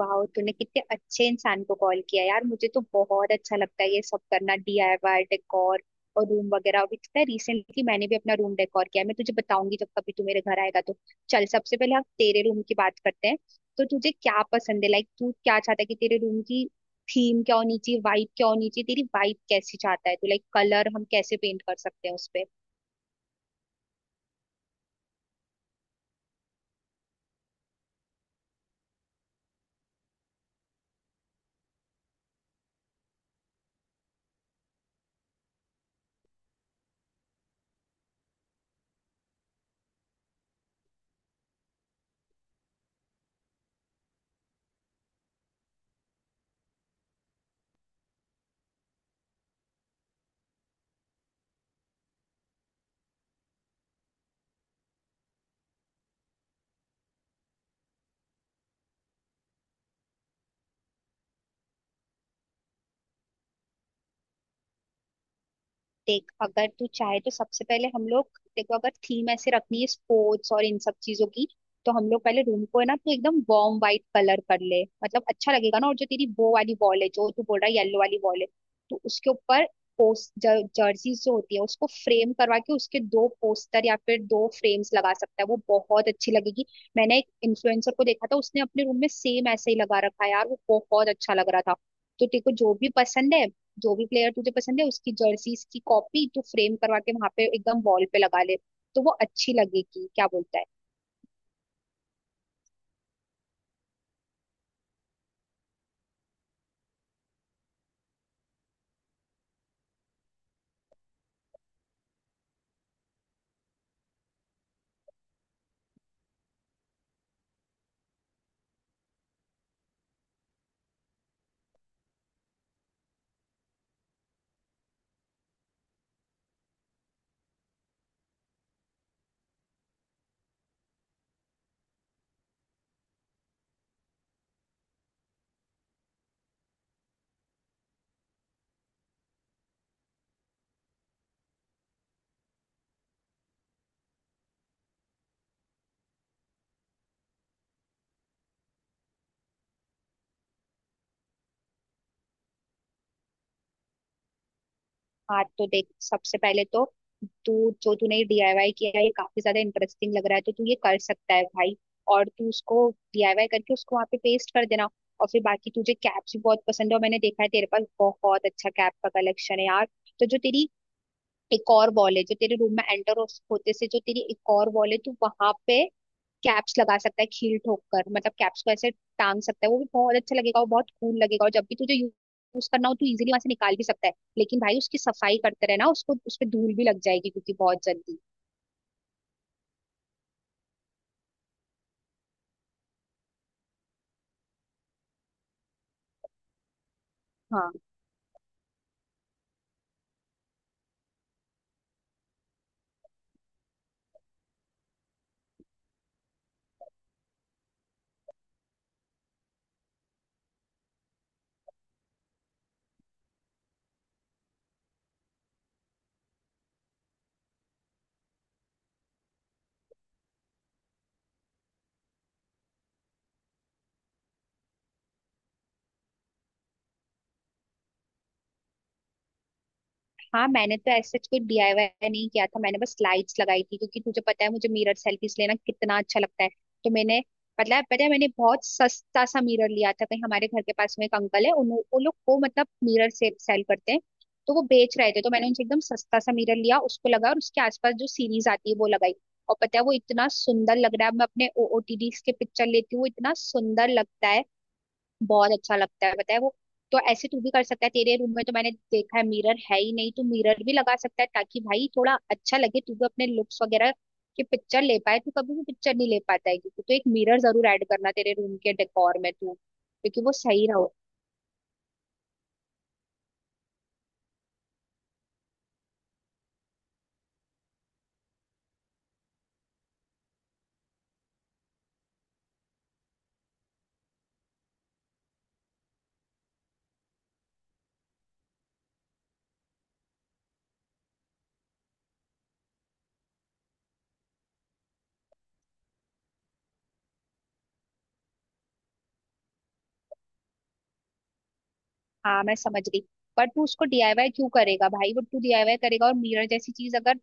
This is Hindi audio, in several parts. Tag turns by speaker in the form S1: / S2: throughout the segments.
S1: वाह तूने कितने अच्छे इंसान को कॉल किया यार, मुझे तो बहुत अच्छा लगता है ये सब करना, डीआईवाई डेकोर और रूम वगैरह। अभी पता है रिसेंटली मैंने भी अपना रूम डेकोर किया है, मैं तुझे बताऊंगी जब कभी तू मेरे घर आएगा तो। चल सबसे पहले हम तेरे रूम की बात करते हैं। तो तुझे क्या पसंद है, लाइक तू क्या चाहता है कि तेरे रूम की थीम क्या होनी चाहिए, वाइब क्या होनी चाहिए, तेरी वाइब कैसी चाहता है तू, लाइक कलर हम कैसे पेंट कर सकते हैं उस पे। देख अगर तू चाहे तो सबसे पहले हम लोग, देखो अगर थीम ऐसे रखनी है स्पोर्ट्स और इन सब चीजों की, तो हम लोग पहले रूम को है ना तो एकदम वार्म व्हाइट कलर कर ले, मतलब अच्छा लगेगा ना। और जो तेरी वो वाली वॉल है जो तू बोल रहा है येलो वाली वॉल है, तो उसके ऊपर पोस्ट जर्सी जो होती है उसको फ्रेम करवा के उसके दो पोस्टर या फिर दो फ्रेम्स लगा सकता है, वो बहुत अच्छी लगेगी। मैंने एक इन्फ्लुएंसर को देखा था, उसने अपने रूम में सेम ऐसे ही लगा रखा है यार, वो बहुत अच्छा लग रहा था। तो तेरे को जो भी पसंद है, जो भी प्लेयर तुझे पसंद है उसकी जर्सीज की कॉपी तू फ्रेम करवा के वहां पे एकदम वॉल पे लगा ले, तो वो अच्छी लगेगी। क्या बोलता है? हाँ तो देख, सबसे पहले तो तू जो तूने डीआईवाई किया है ये काफी ज्यादा इंटरेस्टिंग लग रहा है, तो तू ये कर सकता है भाई। और तू उसको डीआईवाई करके उसको वहां पे पेस्ट कर देना। और फिर बाकी तुझे कैप्स भी बहुत पसंद है, और मैंने देखा है तेरे पास बहुत अच्छा कैप का कलेक्शन है यार। तो जो तेरी एक और वॉल है जो तेरे रूम में एंटर होते से जो तेरी एक और वॉल है, तू वहां पे कैप्स लगा सकता है खील ठोक कर, मतलब कैप्स को ऐसे टांग सकता है, वो भी बहुत अच्छा लगेगा और बहुत कूल लगेगा। और जब भी तुझे यूज करना हो तू इजीली वहां से निकाल भी सकता है। लेकिन भाई उसकी सफाई करते रहना, उसको उस पे धूल भी लग जाएगी क्योंकि बहुत जल्दी। हाँ हाँ, मैंने तो ऐसे कुछ डीआईवाई नहीं किया था, मैंने बस लाइट्स लगाई थी, क्योंकि तुझे पता है मुझे मिरर सेल्फीज लेना कितना अच्छा लगता है। तो मैंने, मतलब पता है मैंने बहुत सस्ता सा मिरर लिया था, कहीं हमारे घर के पास में एक अंकल है, उन उन लोग को मतलब मिरर से सेल करते हैं। तो वो बेच रहे थे, तो मैंने उनसे एकदम सस्ता सा मिरर लिया, उसको लगा और उसके आसपास जो सीरीज आती है वो लगाई। और पता है वो इतना सुंदर लग रहा है, मैं अपने ओटीडी के पिक्चर लेती हूँ वो इतना सुंदर लगता है, बहुत अच्छा लगता है बताए वो। तो ऐसे तू भी कर सकता है, तेरे रूम में तो मैंने देखा है मिरर है ही नहीं, तो मिरर भी लगा सकता है ताकि भाई थोड़ा अच्छा लगे, तू भी अपने लुक्स वगैरह की पिक्चर ले पाए, तू कभी भी पिक्चर नहीं ले पाता है क्योंकि, तो एक मिरर जरूर ऐड करना तेरे रूम के डेकोर में तू, क्योंकि वो सही। हाँ मैं समझ गई। पर तू उसको डीआईवाई क्यों करेगा भाई, वो तू डीआईवाई करेगा और मिरर जैसी चीज अगर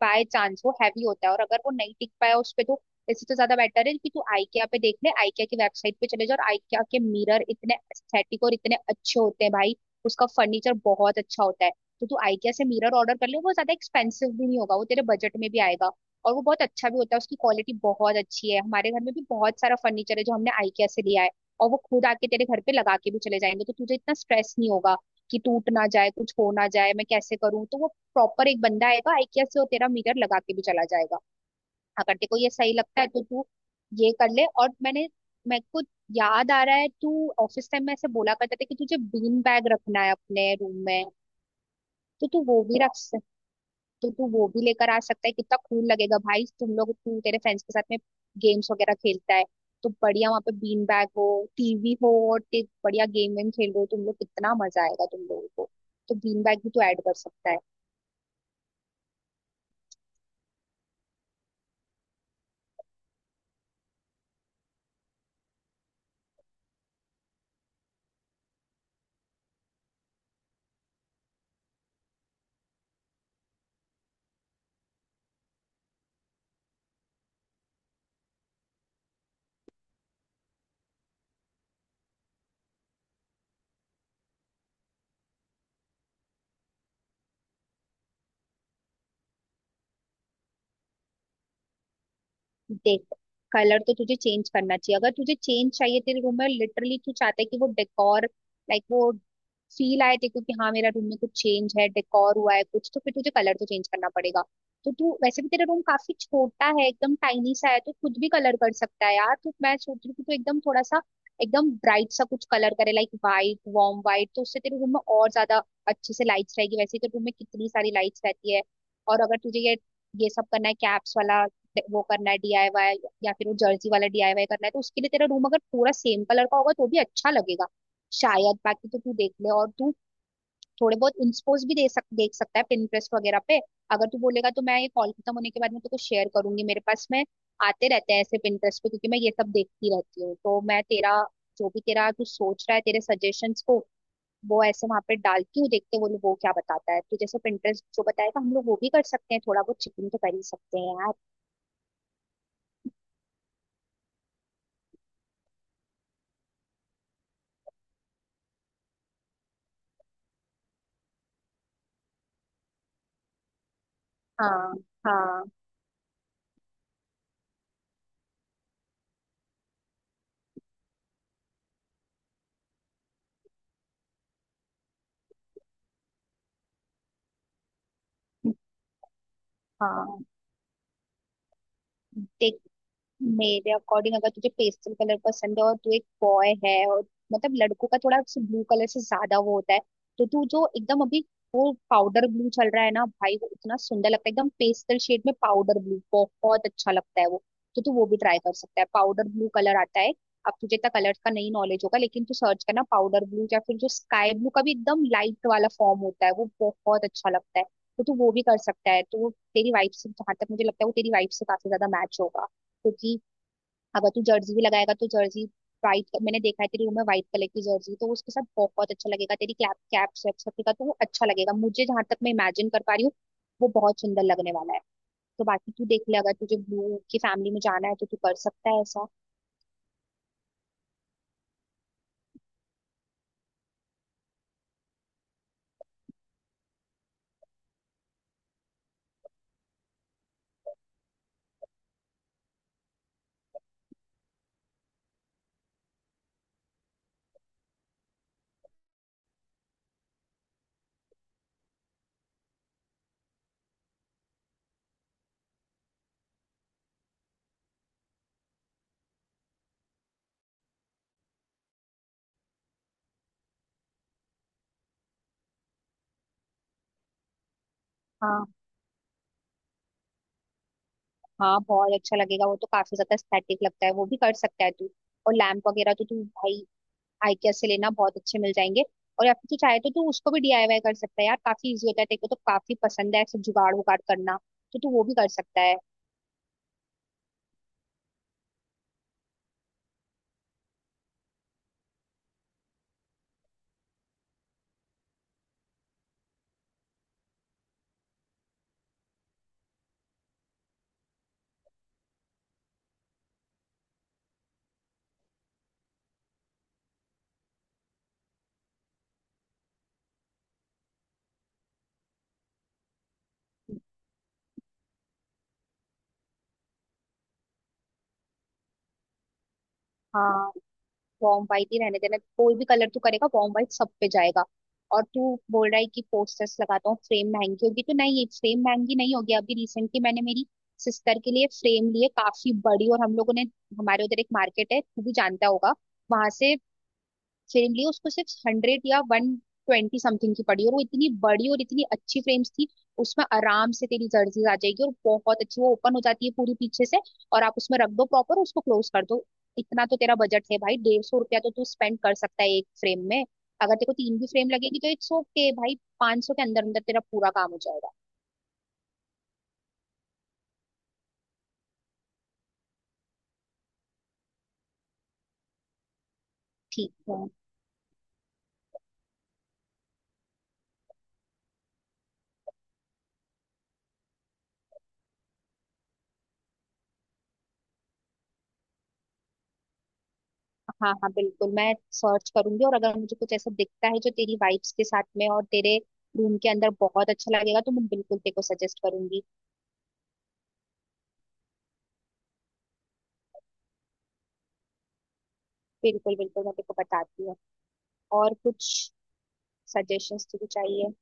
S1: बाय चांस वो हैवी होता है और अगर वो नहीं टिक पाया उस पे तो, इससे तो ज्यादा बेटर है कि तू IKEA पे देख ले, IKEA की वेबसाइट पे चले जा, और IKEA के मिरर इतने एस्थेटिक और इतने अच्छे होते हैं भाई, उसका फर्नीचर बहुत अच्छा होता है। तो तू IKEA से मिरर ऑर्डर कर ले, वो ज्यादा एक्सपेंसिव भी नहीं होगा, वो तेरे बजट में भी आएगा। और वो बहुत अच्छा भी होता है, उसकी क्वालिटी बहुत अच्छी है, हमारे घर में भी बहुत सारा फर्नीचर है जो हमने IKEA से लिया है। और वो खुद आके तेरे घर पे लगा के भी चले जाएंगे, तो तुझे इतना स्ट्रेस नहीं होगा कि टूट ना जाए, कुछ हो ना जाए, मैं कैसे करूँ, तो वो प्रॉपर एक बंदा आएगा IKEA से, वो तेरा मिरर लगा के भी चला जाएगा। अगर तेरे को ये सही लगता है तो तू ये कर ले। और मैंने मेरे को याद आ रहा है तू ऑफिस टाइम में ऐसे बोला करता था कि तुझे बीन बैग रखना है अपने रूम में, तो तू वो भी रख तो तू वो भी लेकर आ सकता है। कितना कूल लगेगा भाई, तुम लोग तू तेरे फ्रेंड्स के साथ में गेम्स वगैरह खेलता है, तो बढ़िया वहाँ पे बीन बैग हो, टीवी हो, और बढ़िया गेम वेम खेल रहे हो तुम लोग, कितना मजा आएगा तुम लोगों को। तो बीन बैग भी तू ऐड कर सकता है। देख, कलर तो तुझे चेंज करना चाहिए, अगर तुझे चेंज चाहिए तेरे रूम में, लिटरली तू चाहता है कि वो डेकोर लाइक वो फील आए तेरे को कि हाँ मेरा रूम में कुछ चेंज है, डेकोर हुआ है कुछ, तो फिर तुझे कलर तो चेंज करना पड़ेगा। तो तू वैसे भी तेरा रूम काफी छोटा है, एकदम टाइनी सा है, तो खुद भी कलर कर सकता है यार। तो मैं सोच रही हूँ कि तू एकदम थोड़ा सा एकदम ब्राइट सा कुछ कलर करे, लाइक वाइट, वार्म वाइट, तो उससे तेरे रूम में और ज्यादा अच्छे से लाइट्स रहेगी, वैसे तो रूम में कितनी सारी लाइट्स रहती है। और अगर तुझे ये सब करना है कैप्स वाला वो करना है डीआईवाई, या फिर वो जर्सी वाला डीआईवाई करना है, तो उसके लिए तेरा रूम अगर पूरा सेम कलर का होगा तो भी अच्छा लगेगा शायद। बाकी तो तू देख ले, और तू थोड़े बहुत इंस्पोज भी दे सक देख सकता है पिंटरेस्ट वगैरह पे। अगर तू बोलेगा तो मैं ये कॉल खत्म होने के बाद में तेरे को शेयर करूंगी, मेरे पास में आते रहते हैं ऐसे पिंटरेस्ट पे, क्योंकि मैं ये सब देखती रहती हूँ। तो मैं तेरा जो भी तेरा तू सोच रहा है तेरे सजेशंस को वो ऐसे वहां पे डालती हूँ, देखते हैं वो क्या बताता है, तो जैसे पिंटरेस्ट जो बताएगा हम लोग वो भी कर सकते हैं, थोड़ा बहुत चिकन तो कर ही सकते हैं यार। हाँ हाँ हाँ। देख, मेरे अकॉर्डिंग अगर तुझे पेस्टल कलर पसंद है और तू एक बॉय है और, मतलब लड़कों का थोड़ा ब्लू कलर से ज्यादा वो होता है, तो तू जो एकदम अभी वो पाउडर ब्लू चल रहा है ना भाई, वो इतना सुंदर लगता है एकदम पेस्टल शेड में, पाउडर ब्लू बहुत अच्छा लगता है वो। तो तू वो भी ट्राई कर सकता है, पाउडर ब्लू कलर आता है। अब तुझे इतना कलर का नहीं नॉलेज होगा, लेकिन तू सर्च करना पाउडर ब्लू, या फिर जो स्काई ब्लू का भी एकदम लाइट वाला फॉर्म होता है वो बहुत अच्छा लगता है, तो तू वो भी कर सकता है। तो वो तेरी वाइफ से, जहां तक मुझे लगता है, वो तेरी वाइफ से काफी ज्यादा मैच होगा। क्योंकि अगर तू जर्सी भी लगाएगा तो जर्सी वाइट, मैंने देखा है तेरी रूम में व्हाइट कलर की जर्सी, तो उसके साथ बहुत अच्छा लगेगा तेरी कैप कैप शेप सबका, तो वो अच्छा लगेगा मुझे, जहां तक मैं इमेजिन कर पा रही हूँ वो बहुत सुंदर लगने वाला है। तो बाकी तू देख ले, अगर तुझे ब्लू की फैमिली में जाना है तो तू कर सकता है ऐसा। हाँ हाँ, बहुत अच्छा लगेगा वो, तो काफी ज्यादा एस्थेटिक लगता है, वो भी कर सकता है तू। और लैम्प वगैरह तो तू भाई आइकिया से लेना, बहुत अच्छे मिल जाएंगे। और या फिर तू चाहे तो तू उसको भी डीआईवाई कर सकता है यार, काफी इजी होता है, तेरे को तो काफी पसंद है सब जुगाड़ उगाड़ करना, तो तू वो भी कर सकता है। हाँ, वॉर्म वाइट ही रहने देना, कोई भी कलर तू करेगा वॉर्म वाइट सब पे जाएगा। और तू बोल रहा है कि पोस्टर्स लगाता हूँ, फ्रेम महंगी होगी, तो नहीं फ्रेम महंगी नहीं होगी। अभी रिसेंटली मैंने मेरी सिस्टर के लिए फ्रेम लिए काफी बड़ी, और हम लोगों ने, हमारे उधर एक मार्केट है तू भी जानता होगा, वहां से फ्रेम ली, उसको सिर्फ हंड्रेड या वन ट्वेंटी समथिंग की पड़ी, और वो इतनी बड़ी और इतनी अच्छी फ्रेम्स थी, उसमें आराम से तेरी जर्सीज आ जाएगी, और बहुत अच्छी वो ओपन हो जाती है पूरी पीछे से, और आप उसमें रख दो प्रॉपर उसको क्लोज कर दो। इतना तो तेरा बजट है भाई, डेढ़ सौ रुपया तो तू स्पेंड कर सकता है एक फ्रेम में, अगर तेरे को तीन भी फ्रेम लगेगी तो इट्स ओके भाई, पाँच सौ के अंदर अंदर तेरा पूरा काम हो जाएगा। ठीक है। हाँ हाँ बिल्कुल, मैं सर्च करूंगी, और अगर मुझे कुछ ऐसा दिखता है जो तेरी वाइब्स के साथ में और तेरे रूम के अंदर बहुत अच्छा लगेगा तो मैं बिल्कुल तेरे को सजेस्ट करूंगी। बिल्कुल बिल्कुल, मैं तेरे को बताती हूँ। और कुछ सजेशंस तुझे चाहिए?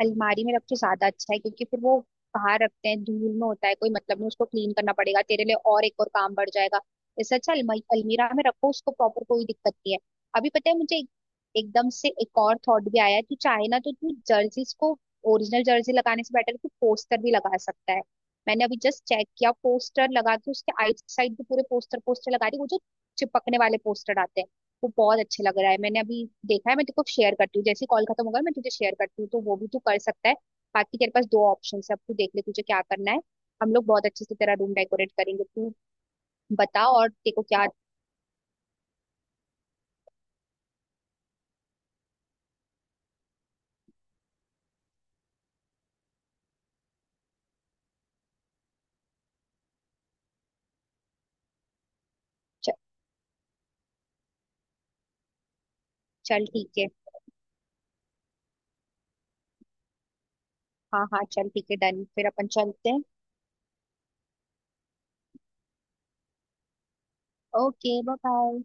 S1: अलमारी में रखे ज्यादा अच्छा है, क्योंकि फिर वो बाहर रखते हैं धूल में, होता है कोई मतलब नहीं, उसको क्लीन करना पड़ेगा तेरे लिए और एक और काम बढ़ जाएगा। इससे अच्छा अलमारी अलमीरा में रखो उसको प्रॉपर, कोई दिक्कत नहीं है। अभी पता है मुझे एकदम से एक और थॉट भी आया है, तू चाहे ना तो तू जर्सीज को ओरिजिनल जर्सी लगाने से बेटर है तू पोस्टर भी लगा सकता है। मैंने अभी जस्ट चेक किया, पोस्टर लगा के उसके आइट साइड भी पूरे पोस्टर पोस्टर लगा दी, वो जो चिपकने वाले पोस्टर आते हैं, वो बहुत अच्छे लग रहा है, मैंने अभी देखा है। मैं तेरे को शेयर करती हूँ जैसे कॉल खत्म होगा, मैं तुझे शेयर करती हूँ, तो वो भी तू कर सकता है। बाकी तेरे पास दो ऑप्शन है, अब तू देख ले तुझे क्या करना है, हम लोग बहुत अच्छे से तेरा रूम डेकोरेट करेंगे। तू बता और तेरे को क्या? च- चल ठीक है। हाँ हाँ, चल ठीक है, डन, फिर अपन चलते हैं। Okay bye bye.